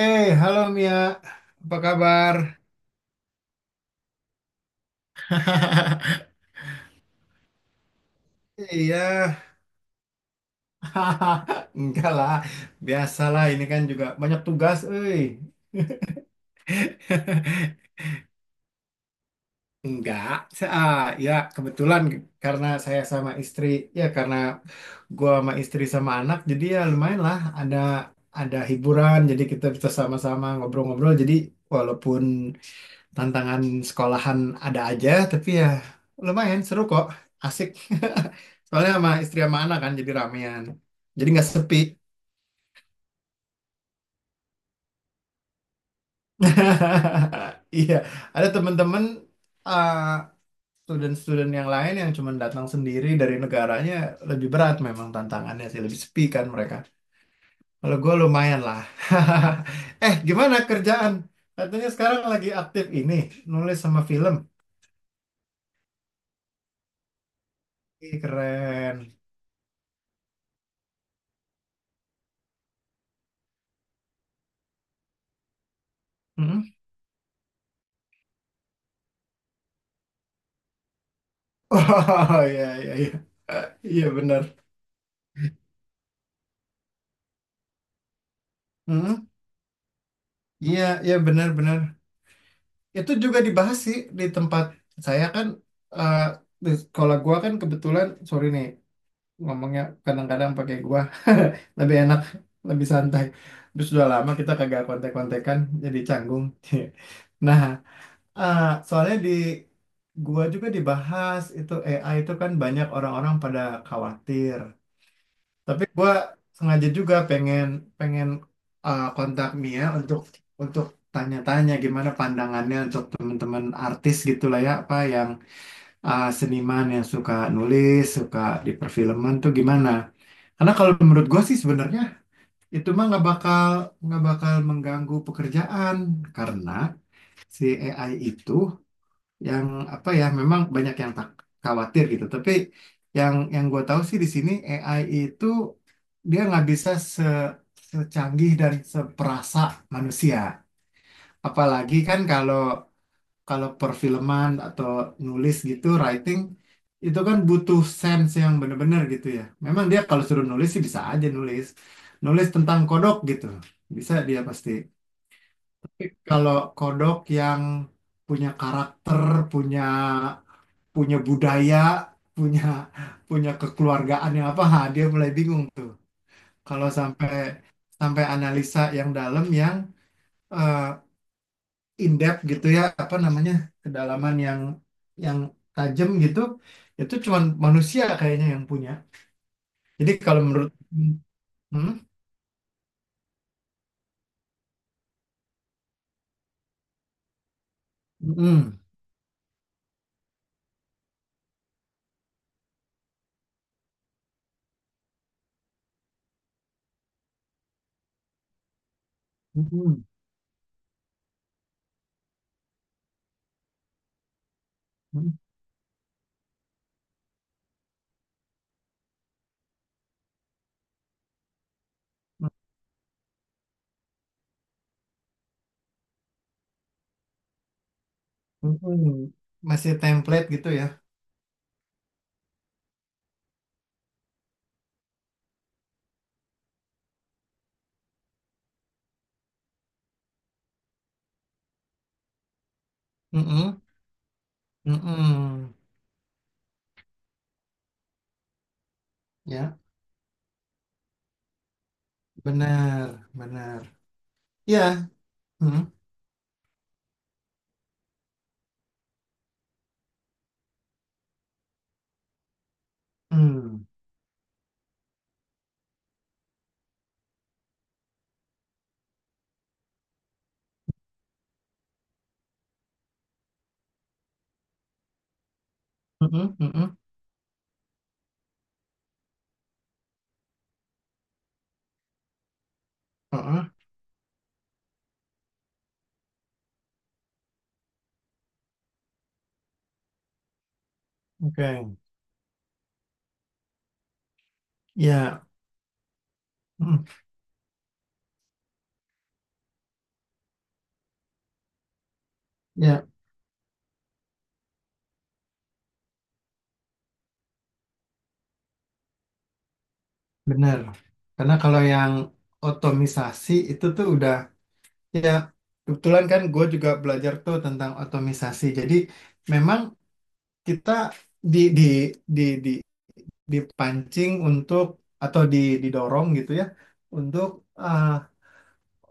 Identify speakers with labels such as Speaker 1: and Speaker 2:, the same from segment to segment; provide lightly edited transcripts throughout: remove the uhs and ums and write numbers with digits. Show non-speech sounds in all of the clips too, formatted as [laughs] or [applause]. Speaker 1: Halo Mia, apa kabar? [laughs] Iya, [laughs] enggak lah, biasalah ini kan juga banyak tugas. [laughs] Enggak, sa- ah, ya kebetulan karena saya sama istri, ya karena gua sama istri sama anak, jadi ya lumayan lah ada hiburan, jadi kita bisa sama-sama ngobrol-ngobrol, jadi walaupun tantangan sekolahan ada aja tapi ya lumayan seru kok, asik. [laughs] Soalnya sama istri sama anak kan jadi ramean, jadi nggak sepi. [laughs] Iya, ada temen-temen eh, student-student yang lain yang cuma datang sendiri dari negaranya, lebih berat memang tantangannya sih, lebih sepi kan mereka. Kalau gue lumayan lah. [laughs] Gimana kerjaan, katanya sekarang lagi aktif ini nulis sama film? Ih, keren. Oh, [laughs] iya, iya, iya. Eh, Iya, benar. Hmm. Iya, iya, benar-benar. Itu juga dibahas sih di tempat saya kan, eh, di sekolah gua kan kebetulan, sorry nih ngomongnya kadang-kadang pakai gua, [laughs] lebih enak, lebih santai. Terus sudah lama kita kagak kontek-kontekan, jadi canggung. [laughs] Nah, eh, soalnya di gua juga dibahas itu, AI itu kan banyak orang-orang pada khawatir. Tapi gue sengaja juga pengen pengen kontak Mia untuk tanya-tanya gimana pandangannya untuk teman-teman artis gitulah ya, apa yang seniman yang suka nulis, suka di perfilman tuh gimana? Karena kalau menurut gue sih sebenarnya itu mah nggak bakal mengganggu pekerjaan karena si AI itu yang apa ya, memang banyak yang tak khawatir gitu tapi yang gue tahu sih di sini AI itu dia nggak bisa secanggih dan seperasa manusia, apalagi kan kalau kalau perfilman atau nulis gitu, writing itu kan butuh sense yang bener-bener gitu ya. Memang dia kalau suruh nulis sih bisa aja nulis, nulis tentang kodok gitu bisa dia pasti. Kalau kodok yang punya karakter, punya punya budaya, punya punya kekeluargaan yang apa, ha, dia mulai bingung tuh. Kalau sampai sampai analisa yang dalam yang eh, in depth gitu ya, apa namanya? Kedalaman yang tajam gitu, itu cuman manusia kayaknya yang punya. Jadi kalau menurut. Hmm? Mm-mm. Mm-mm. Mm-mm. Masih template gitu ya. Mm-mm. Mm-mm. Ya, benar, benar. Ya. Hmm. Hmm. Mhm, mhm, mhm. Oke. Ya. Mhm. Ya, benar. Karena kalau yang otomisasi itu tuh udah, ya kebetulan kan gue juga belajar tuh tentang otomisasi. Jadi memang kita di di di dipancing untuk, atau didorong gitu ya untuk ah,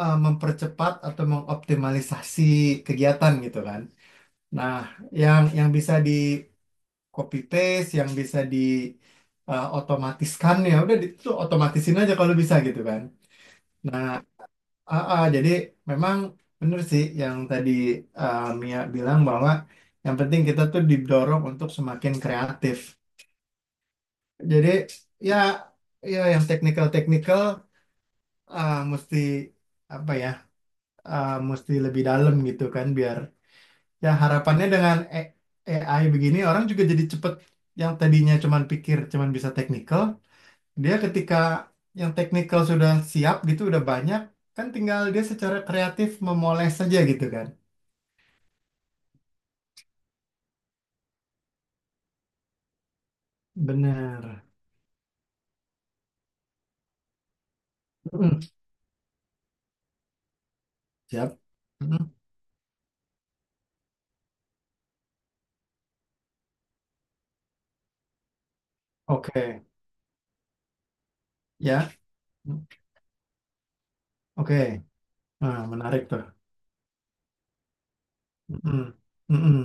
Speaker 1: mempercepat atau mengoptimalisasi kegiatan gitu kan. Nah, yang bisa di copy paste, yang bisa di otomatiskan ya udah, itu otomatisin aja kalau bisa gitu kan. Nah, jadi memang bener sih yang tadi Mia bilang bahwa yang penting kita tuh didorong untuk semakin kreatif. Jadi ya, ya yang teknikal-teknikal, mesti apa ya, mesti lebih dalam gitu kan, biar ya harapannya dengan AI begini orang juga jadi cepet, yang tadinya cuman pikir cuman bisa teknikal, dia ketika yang teknikal sudah siap gitu udah banyak kan, tinggal dia secara kreatif memoles saja gitu kan. Benar. Mm. Siap. Mm. Oke. Ya. Mm. Oke. Nah, menarik tuh. Mm. Mm-mm.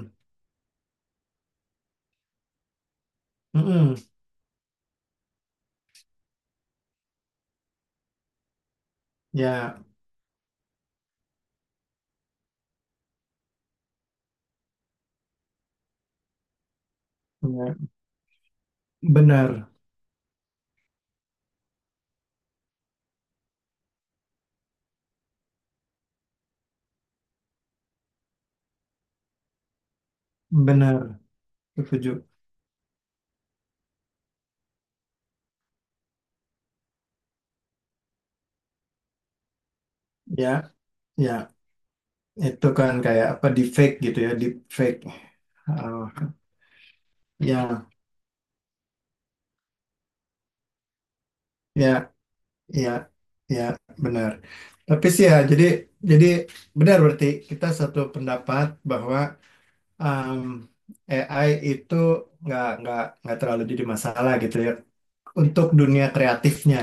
Speaker 1: Mm-mm. Ya, ya. Benar benar setuju ya, ya, itu kan kayak apa, deepfake gitu ya, deepfake. Oh, ya, ya. Iya, iya, benar. Tapi sih ya, jadi benar berarti kita satu pendapat bahwa um, AI itu nggak terlalu jadi masalah gitu ya untuk dunia kreatifnya,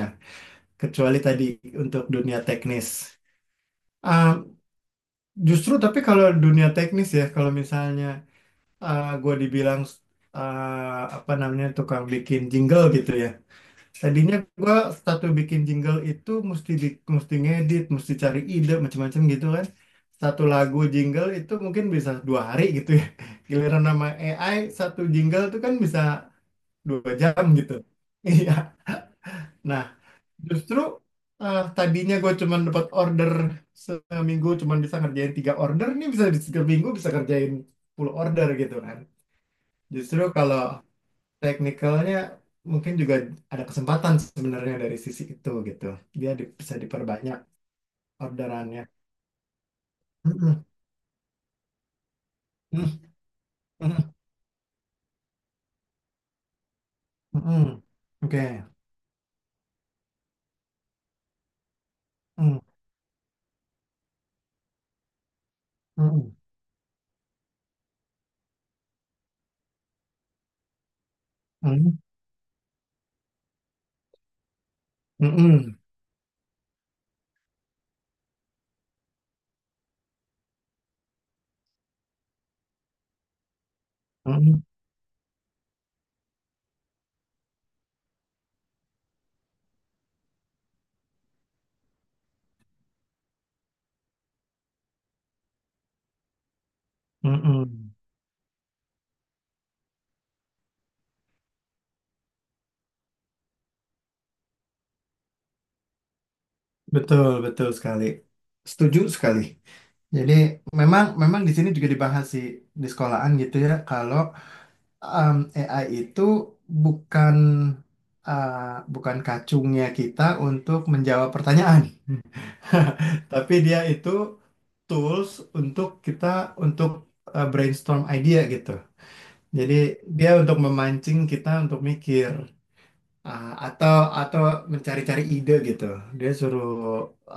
Speaker 1: kecuali tadi untuk dunia teknis. Um, justru tapi kalau dunia teknis ya, kalau misalnya gue dibilang, apa namanya, tukang bikin jingle gitu ya. Tadinya gue satu bikin jingle itu mesti mesti ngedit, mesti cari ide macam-macam gitu kan. Satu lagu jingle itu mungkin bisa 2 hari gitu ya. [laughs] Giliran nama AI satu jingle itu kan bisa 2 jam gitu. [laughs] Iya. Nah, justru tadinya gue cuman dapat order seminggu cuman bisa ngerjain tiga order, nih bisa di seminggu bisa kerjain 10 order gitu kan. Justru kalau teknikalnya mungkin juga ada kesempatan sebenarnya dari sisi itu gitu. Dia bisa diperbanyak orderannya. Mm-mm, mm, mm, mm. Oke. Mm, mm. Oke. Mm, mm-mm, mm, mm-mm, mm, mm. Betul, betul sekali. Setuju sekali. Jadi memang memang di sini juga dibahas sih di sekolahan gitu ya kalau, um, AI itu bukan, uh, bukan kacungnya kita untuk menjawab pertanyaan. [laughs] Tapi dia itu tools untuk kita, untuk brainstorm idea gitu. Jadi dia untuk memancing kita untuk mikir, ah, atau atau mencari-cari ide gitu. Dia suruh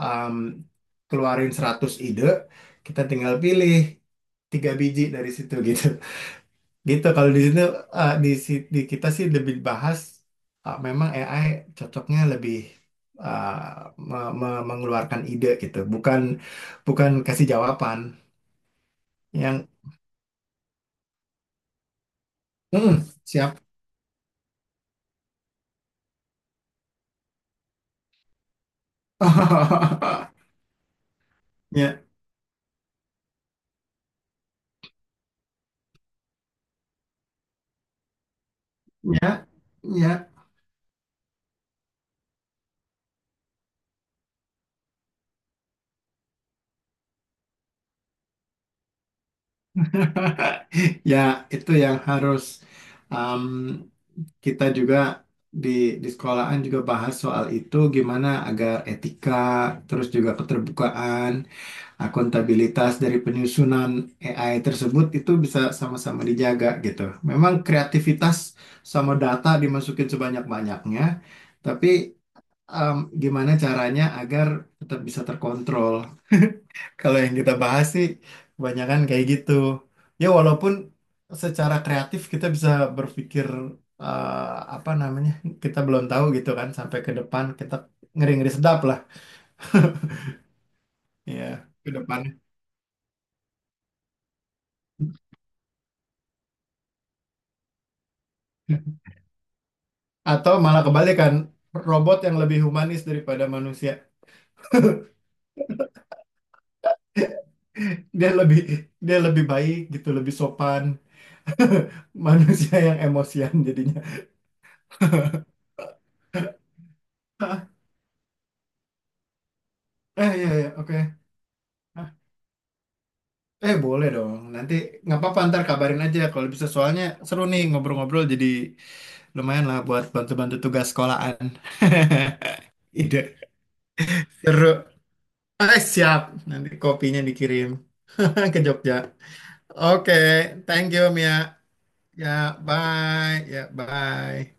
Speaker 1: um, keluarin 100 ide, kita tinggal pilih tiga biji dari situ gitu. Gitu kalau di sini, di kita sih lebih bahas, memang AI cocoknya lebih, eh, mengeluarkan ide gitu, bukan bukan kasih jawaban yang "Mm, siap. [laughs] Ya, ya, ya. [laughs] Ya, itu yang harus, um, kita juga di di sekolahan juga bahas soal itu gimana agar etika, terus juga keterbukaan akuntabilitas dari penyusunan AI tersebut itu bisa sama-sama dijaga gitu. Memang kreativitas sama data dimasukin sebanyak-banyaknya, tapi em, gimana caranya agar tetap bisa terkontrol? [laughs] Kalau yang kita bahas sih kebanyakan kayak gitu. Ya walaupun secara kreatif kita bisa berpikir, eh, apa namanya? Kita belum tahu gitu kan sampai ke depan kita, ngeri-ngeri sedap lah ya ke depannya. Atau malah kebalikan, robot yang lebih humanis daripada manusia. [laughs] Dia lebih baik gitu, lebih sopan. [laughs] Manusia yang emosian jadinya. Ah, iya, iya, oke. Ah, boleh dong. Nanti nggak apa-apa, ntar kabarin aja kalau bisa, soalnya seru nih ngobrol-ngobrol, jadi lumayan lah buat bantu-bantu tugas sekolahan. [laughs] Ide seru. Ah, siap. Nanti kopinya dikirim [laughs] ke Jogja. Oke, thank you Mia. Ya, bye. Ya, bye.